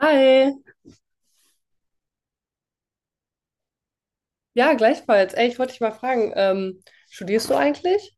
Hi, ja, gleichfalls. Ey, ich wollte dich mal fragen, studierst du eigentlich?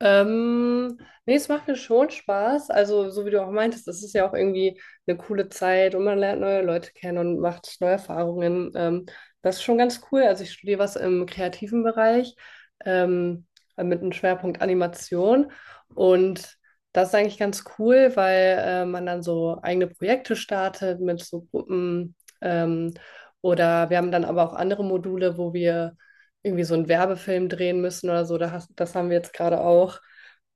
Ähm, nee, es macht mir schon Spaß. Also, so wie du auch meintest, es ist ja auch irgendwie eine coole Zeit und man lernt neue Leute kennen und macht neue Erfahrungen. Das ist schon ganz cool. Also, ich studiere was im kreativen Bereich, ähm, mit einem Schwerpunkt Animation. Und das ist eigentlich ganz cool, weil man dann so eigene Projekte startet mit so Gruppen. Ähm, oder wir haben dann aber auch andere Module, wo wir irgendwie so einen Werbefilm drehen müssen oder so. Das haben wir jetzt gerade auch.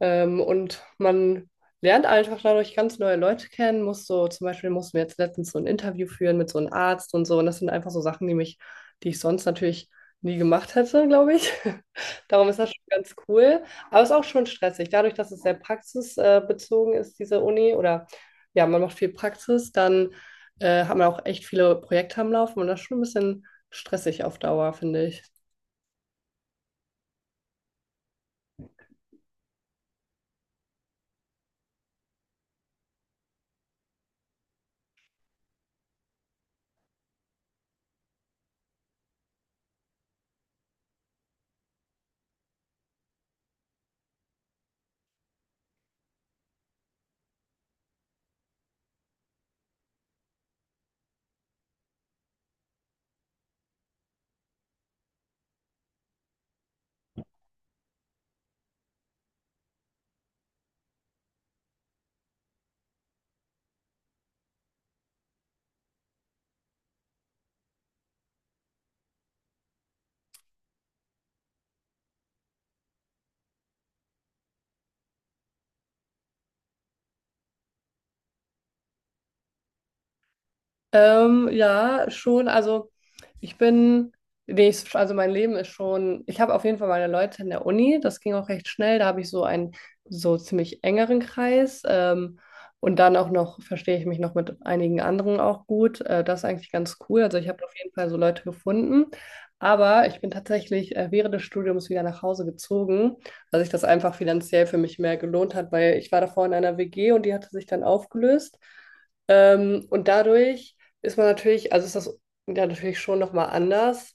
Und man lernt einfach dadurch ganz neue Leute kennen. Zum Beispiel mussten wir jetzt letztens so ein Interview führen mit so einem Arzt und so. Und das sind einfach so Sachen, die ich sonst natürlich nie gemacht hätte, glaube ich. Darum ist das schon ganz cool. Aber es ist auch schon stressig. Dadurch, dass es sehr praxisbezogen ist, diese Uni, oder ja, man macht viel Praxis, dann hat man auch echt viele Projekte am Laufen und das ist schon ein bisschen stressig auf Dauer, finde ich. Ja, schon. Ich bin, nee, also mein Leben ist schon, ich habe auf jeden Fall meine Leute in der Uni, das ging auch recht schnell, da habe ich so einen so ziemlich engeren Kreis. Und dann auch noch verstehe ich mich noch mit einigen anderen auch gut. Das ist eigentlich ganz cool. Also ich habe auf jeden Fall so Leute gefunden. Aber ich bin tatsächlich während des Studiums wieder nach Hause gezogen, weil sich das einfach finanziell für mich mehr gelohnt hat, weil ich war davor in einer WG und die hatte sich dann aufgelöst. Und dadurch ist man natürlich, also ist das ja natürlich schon nochmal anders.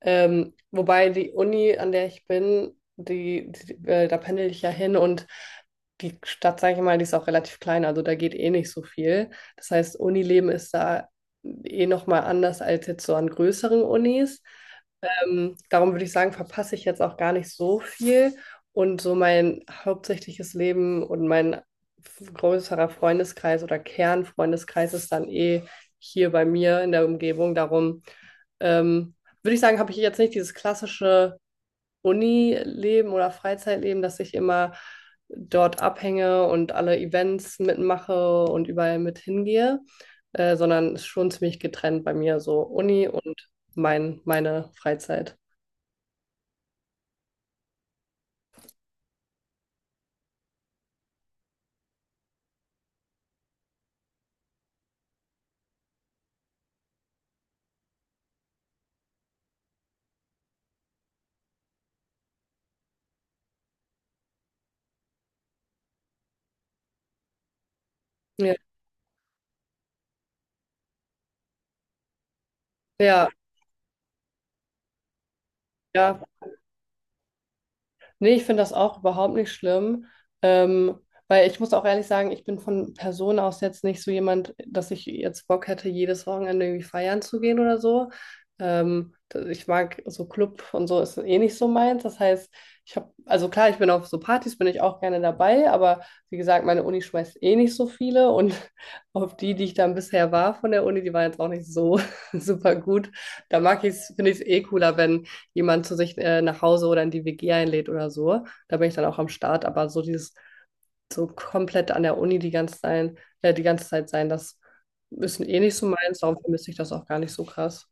Wobei die Uni, an der ich bin, die da pendel ich ja hin und die Stadt, sage ich mal, die ist auch relativ klein, also da geht eh nicht so viel. Das heißt, Unileben ist da eh nochmal anders als jetzt so an größeren Unis. Darum würde ich sagen, verpasse ich jetzt auch gar nicht so viel. Und so mein hauptsächliches Leben und größerer Freundeskreis oder Kernfreundeskreis ist dann eh hier bei mir in der Umgebung. Darum ähm, würde ich sagen, habe ich jetzt nicht dieses klassische Uni-Leben oder Freizeitleben, dass ich immer dort abhänge und alle Events mitmache und überall mit hingehe, sondern ist schon ziemlich getrennt bei mir, so Uni und meine Freizeit. Ja, ja, ja, nee, ich finde das auch überhaupt nicht schlimm, ähm, weil ich muss auch ehrlich sagen, ich bin von Person aus jetzt nicht so jemand, dass ich jetzt Bock hätte, jedes Wochenende irgendwie feiern zu gehen oder so. Ich mag so Club und so ist eh nicht so meins. Das heißt, also klar, ich bin auf so Partys, bin ich auch gerne dabei, aber wie gesagt, meine Uni schmeißt eh nicht so viele und auf die, die ich dann bisher war von der Uni, die waren jetzt auch nicht so super gut. Da mag ich es, finde ich es eh cooler, wenn jemand zu sich nach Hause oder in die WG einlädt oder so. Da bin ich dann auch am Start. Aber so dieses, so komplett an der Uni die ganze Zeit, die ganze Zeit sein, das ist eh nicht so meins. Darum vermisse ich das auch gar nicht so krass.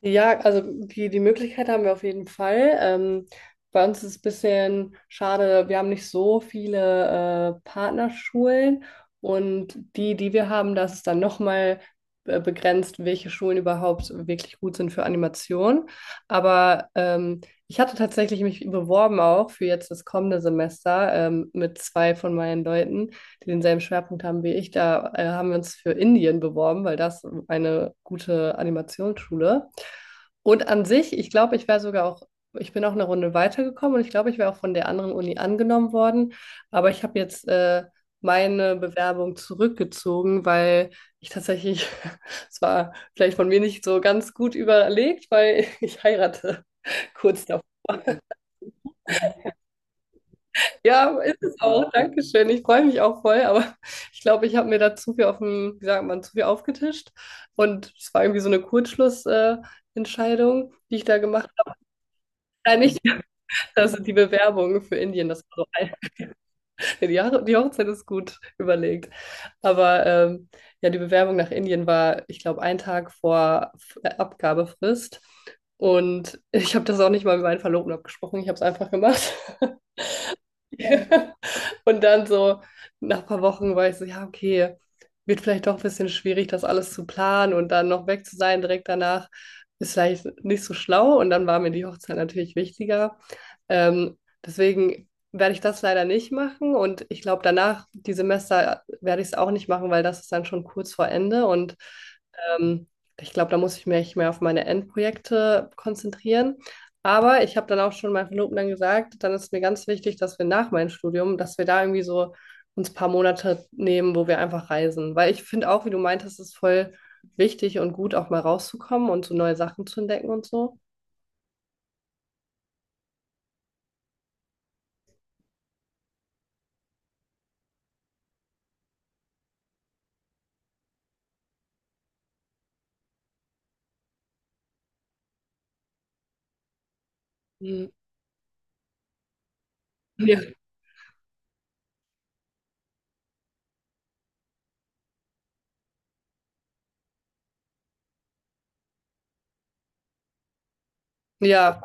Ja, also die Möglichkeit haben wir auf jeden Fall. Bei uns ist es ein bisschen schade, wir haben nicht so viele Partnerschulen und die, die wir haben, das ist dann nochmal begrenzt, welche Schulen überhaupt wirklich gut sind für Animation. Aber ich hatte tatsächlich mich beworben auch für jetzt das kommende Semester mit zwei von meinen Leuten die denselben Schwerpunkt haben wie ich, da haben wir uns für Indien beworben, weil das eine gute Animationsschule. Und an sich, ich glaube, ich wäre sogar auch, ich bin auch eine Runde weitergekommen und ich glaube, ich wäre auch von der anderen Uni angenommen worden. Aber ich habe jetzt meine Bewerbung zurückgezogen, weil ich tatsächlich, es war vielleicht von mir nicht so ganz gut überlegt, weil ich heirate kurz davor. Ja, ist es auch. Dankeschön. Ich freue mich auch voll, aber ich glaube, ich habe mir da zu viel auf dem, wie sagt man, zu viel aufgetischt. Und es war irgendwie so eine Kurzschlussentscheidung, Entscheidung, die ich da gemacht habe. Nein, nicht, das sind die Bewerbungen für Indien. Das war so ein, die Hochzeit ist gut überlegt. Aber ja, die Bewerbung nach Indien war, ich glaube, ein Tag vor Abgabefrist. Und ich habe das auch nicht mal mit meinen Verlobten abgesprochen. Ich habe es einfach gemacht. Ja. Und dann so nach ein paar Wochen war ich so, ja, okay, wird vielleicht doch ein bisschen schwierig, das alles zu planen und dann noch weg zu sein direkt danach, ist vielleicht nicht so schlau. Und dann war mir die Hochzeit natürlich wichtiger. Ähm, deswegen werde ich das leider nicht machen und ich glaube, danach, die Semester, werde ich es auch nicht machen, weil das ist dann schon kurz vor Ende und ähm, ich glaube, da muss ich mich mehr auf meine Endprojekte konzentrieren. Aber ich habe dann auch schon meinem Verlobten dann gesagt, dann ist mir ganz wichtig, dass wir nach meinem Studium, dass wir da irgendwie so uns ein paar Monate nehmen, wo wir einfach reisen. Weil ich finde auch, wie du meintest, ist voll wichtig und gut, auch mal rauszukommen und so neue Sachen zu entdecken und so. Mhm. Ja. Ja,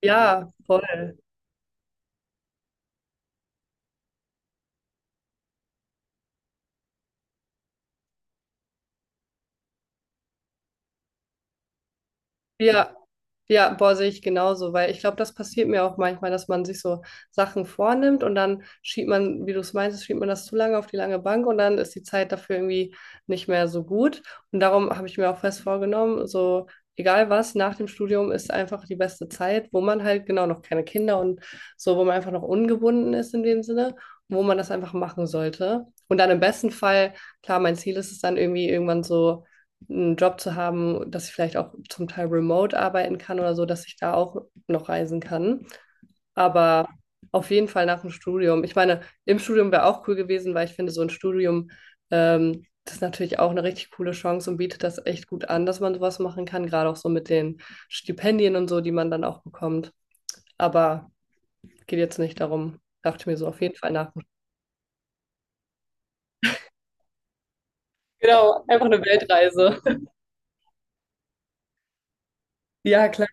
ja, voll. Ja, ja, boah, sehe ich genauso, weil ich glaube, das passiert mir auch manchmal, dass man sich so Sachen vornimmt und dann schiebt man, wie du es meinst, schiebt man das zu lange auf die lange Bank und dann ist die Zeit dafür irgendwie nicht mehr so gut. Und darum habe ich mir auch fest vorgenommen, so egal was, nach dem Studium ist einfach die beste Zeit, wo man halt genau noch keine Kinder und so, wo man einfach noch ungebunden ist in dem Sinne, wo man das einfach machen sollte. Und dann im besten Fall, klar, mein Ziel ist es dann irgendwie irgendwann so einen Job zu haben, dass ich vielleicht auch zum Teil remote arbeiten kann oder so, dass ich da auch noch reisen kann. Aber auf jeden Fall nach dem Studium. Ich meine, im Studium wäre auch cool gewesen, weil ich finde, so ein Studium, das ist natürlich auch eine richtig coole Chance und bietet das echt gut an, dass man sowas machen kann, gerade auch so mit den Stipendien und so, die man dann auch bekommt. Aber geht jetzt nicht darum. Dachte ich mir so auf jeden Fall nach. Dem Studium. Genau, einfach eine Weltreise. Ja, klar.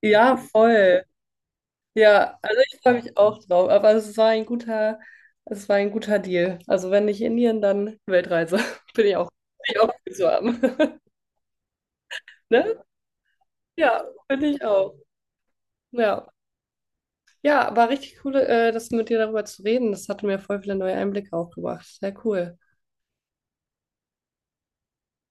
Ja, voll. Ja, also ich freue mich auch drauf. Es war ein guter Deal. Also wenn nicht Indien, dann Weltreise. Bin ich auch gut zu haben. Ne? Ja, bin ich auch. Ja. Ja, war richtig cool, das mit dir darüber zu reden. Das hatte mir voll viele neue Einblicke auch gebracht. Sehr cool.